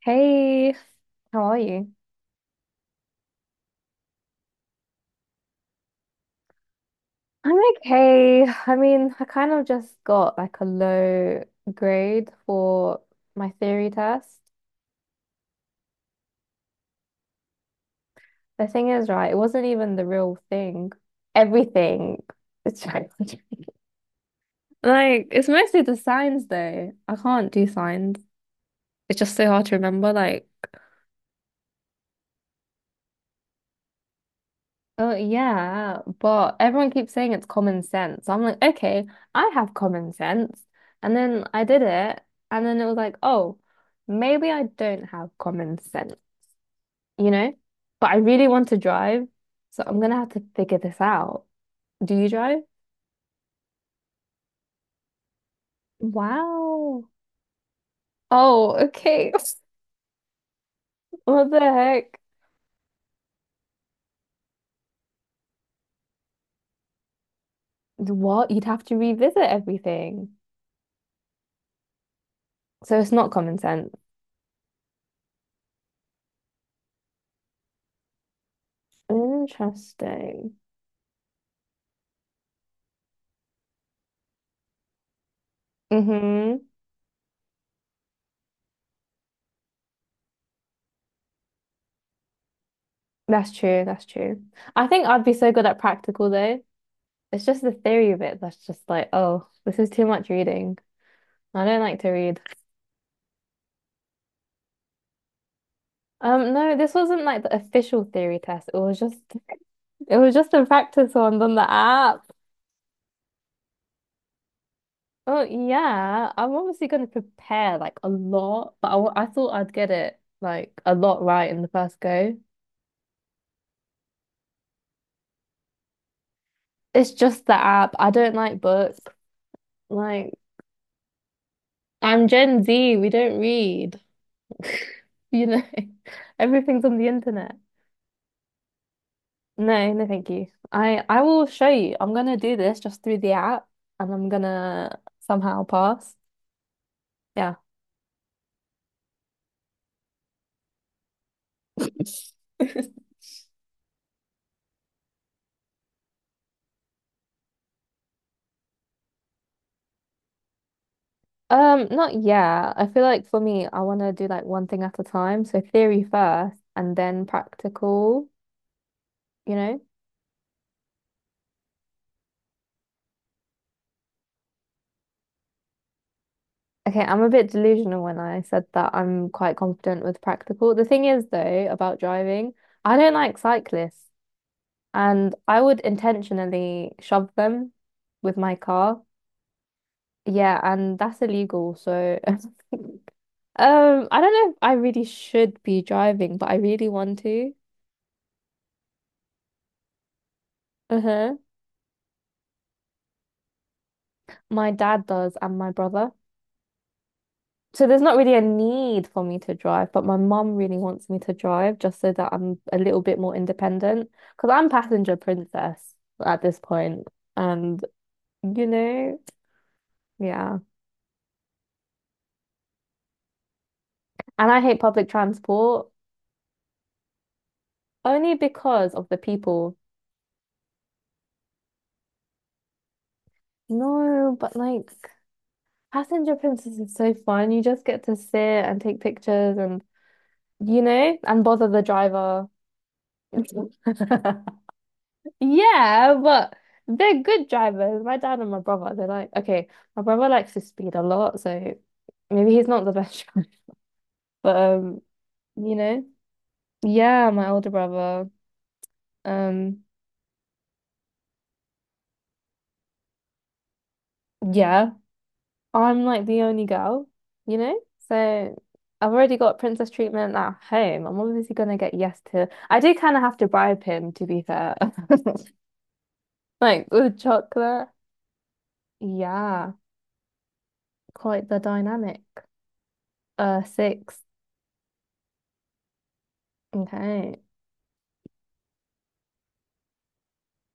Hey, how are you? I'm okay. I mean, I kind of just got like a low grade for my theory test. The thing is, right, it wasn't even the real thing. Everything. It's like it's mostly the signs though. I can't do signs. It's just so hard to remember like. Oh yeah, but everyone keeps saying it's common sense. So I'm like, okay, I have common sense. And then I did it, and then it was like, oh, maybe I don't have common sense, you know? But I really want to drive, so I'm gonna have to figure this out. Do you drive? Wow. Oh, okay. What the heck? What? You'd have to revisit everything. So it's not common sense. Interesting. Mm-hmm. That's true. That's true. I think I'd be so good at practical though. It's just the theory of it that's just like, oh, this is too much reading. I don't like to read. No, this wasn't like the official theory test. It was just a practice one on the app. Oh yeah, I'm obviously going to prepare like a lot, but I thought I'd get it like a lot right in the first go. It's just the app. I don't like books. Like I'm Gen Z. We don't read. You know, everything's on the internet. No, no, thank you. I will show you. I'm gonna do this just through the app, and I'm gonna somehow pass. Yeah. Not yeah. I feel like for me, I want to do like one thing at a time. So theory first, and then practical. You know. Okay, I'm a bit delusional when I said that I'm quite confident with practical. The thing is, though, about driving, I don't like cyclists, and I would intentionally shove them with my car. Yeah, and that's illegal. So, I don't know if I really should be driving, but I really want to. Uh-huh. My dad does, and my brother. So there's not really a need for me to drive, but my mum really wants me to drive just so that I'm a little bit more independent. Because I'm passenger princess at this point, and you know, yeah. And I hate public transport only because of the people. No, but like Passenger Princess is so fun. You just get to sit and take pictures and, you know, and bother the driver. Yeah, but they're good drivers. My dad and my brother, they're like, okay, my brother likes to speed a lot, so maybe he's not the best driver. But you know, yeah, my older brother. Um, yeah. I'm like the only girl, you know? So I've already got princess treatment at home. I'm obviously gonna get yes to. I do kind of have to bribe him, to be fair. Like with chocolate. Yeah, quite the dynamic. Six. Okay.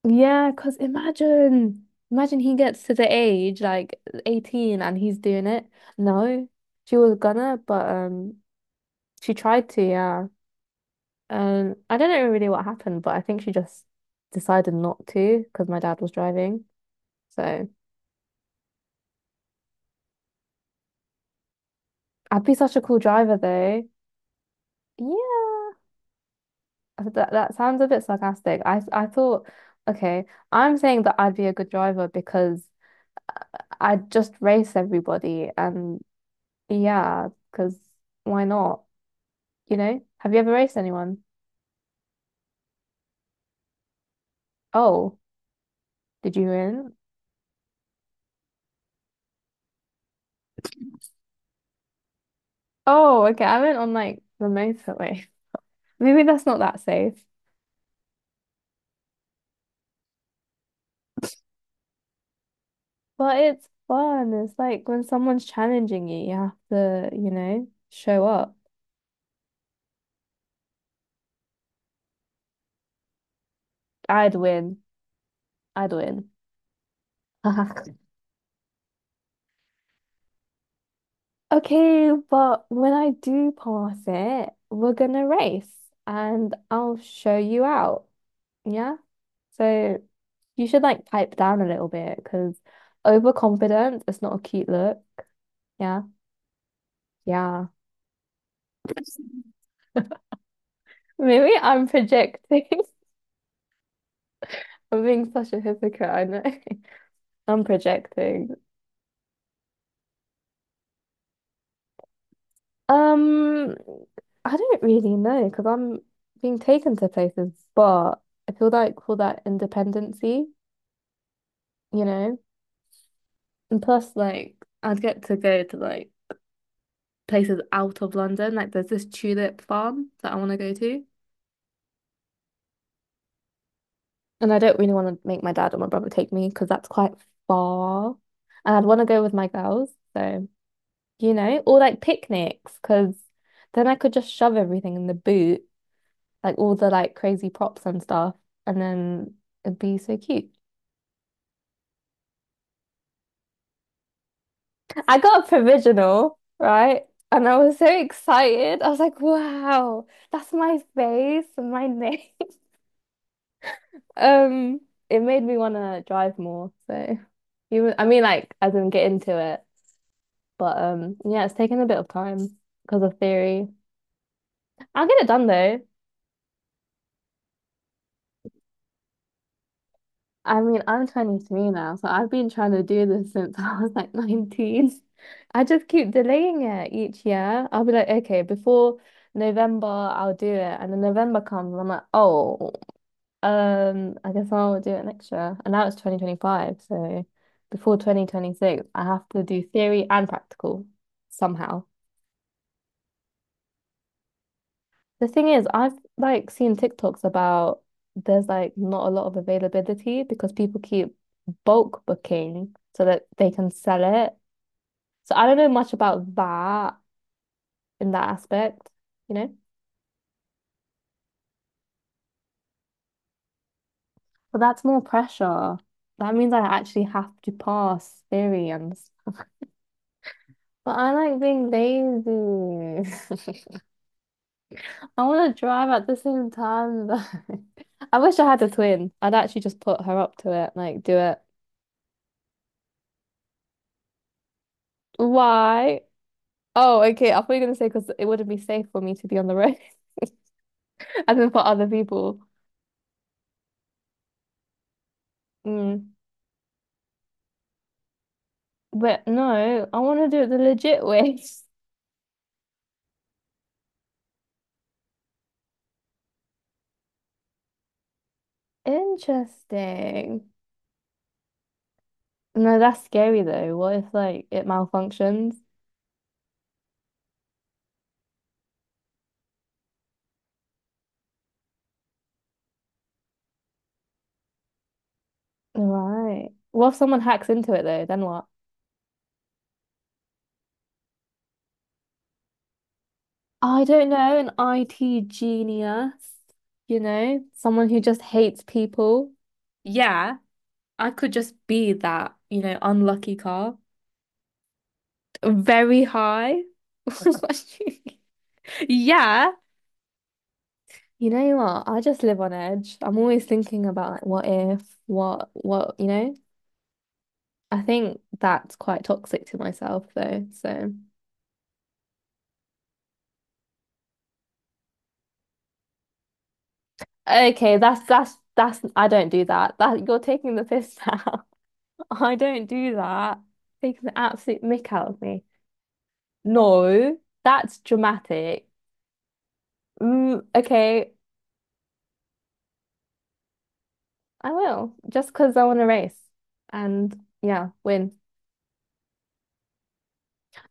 Yeah, because imagine he gets to the age like 18 and he's doing it. No, she was gonna, but she tried to, yeah. I don't know really what happened, but I think she just decided not to because my dad was driving. So I'd be such a cool driver though. Yeah, that sounds a bit sarcastic. I thought, okay, I'm saying that I'd be a good driver because I'd just race everybody and yeah, because why not? You know? Have you ever raced anyone? Oh, did you win? Oh, okay. I went on like the motorway. Maybe that's not that safe. But it's fun. It's like when someone's challenging you, you have to, you know, show up. I'd win. I'd win. Okay, but when I do pass it, we're gonna race and I'll show you out. Yeah? So you should like pipe down a little bit because overconfidence is not a cute look. Yeah. Yeah. Maybe I'm projecting. I'm being such a hypocrite, I know. I'm projecting. Um, I don't really know because I'm being taken to places, but I feel like for that independency, you know, and plus like I'd get to go to like places out of London. Like there's this tulip farm that I want to go to, and I don't really want to make my dad or my brother take me because that's quite far, and I'd want to go with my girls. So you know, or like picnics because then I could just shove everything in the boot like all the like crazy props and stuff, and then it'd be so cute. I got a provisional, right? And I was so excited. I was like, wow, that's my face and my name. Um, it made me want to drive more. So, you, I mean, like, I didn't get into it, but yeah, it's taken a bit of time because of theory. I'll get it done though. I mean, I'm 23 now, so I've been trying to do this since I was like 19. I just keep delaying it each year. I'll be like, okay, before November, I'll do it. And then November comes, and I'm like, oh, I guess I'll do it next year. And now it's 2025, so before 2026, I have to do theory and practical somehow. The thing is, I've like seen TikToks about there's like not a lot of availability because people keep bulk booking so that they can sell it. So I don't know much about that in that aspect, you know? But that's more pressure. That means I actually have to pass theory and s- but I like being lazy. I want to drive at the same time though. I wish I had a twin. I'd actually just put her up to it, like do it. Why? Oh, okay. I thought you were gonna say because it wouldn't be safe for me to be on the road, as in for other people. Mm. But no, I want to do it the legit way. Interesting. No, that's scary though. What if like it malfunctions? Right. What if someone hacks into it though? Then what? I don't know. An IT genius, you know, someone who just hates people. Yeah, I could just be that, you know, unlucky car. Very high. What do you mean? Yeah. You know what? I just live on edge. I'm always thinking about like what if, what, you know? I think that's quite toxic to myself though. So okay, that's I don't do that. That you're taking the piss now. I don't do that. Taking the absolute mick out of me. No, that's dramatic. Mm, okay, I will. Just because I want to race and yeah, win.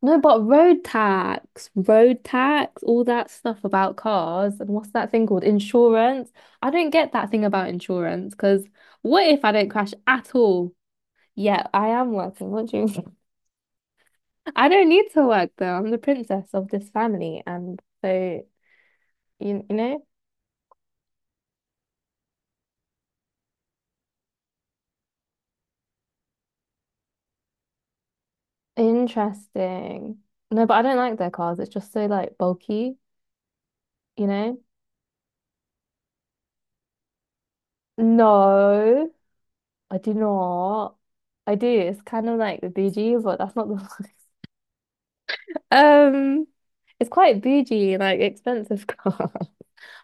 No, but road tax, all that stuff about cars, and what's that thing called? Insurance. I don't get that thing about insurance because what if I don't crash at all? Yeah, I am working, what do you mean? I don't need to work though. I'm the princess of this family, and so you know, interesting. No, but I don't like their cars. It's just so like bulky, you know? No, I do not. I do. It's kind of like the BG, but that's not the Um, it's quite bougie, like expensive car.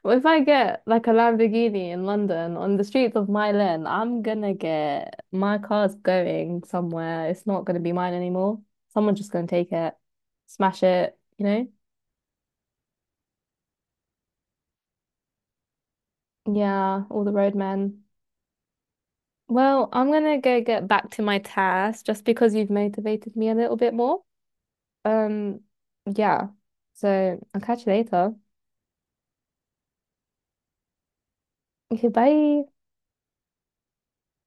But if I get like a Lamborghini in London on the streets of Milan, I'm gonna get my car's going somewhere. It's not gonna be mine anymore. Someone's just gonna take it, smash it, you know? Yeah, all the roadmen. Well, I'm gonna go get back to my task just because you've motivated me a little bit more. Um, yeah. So I'll catch you later. Okay, bye.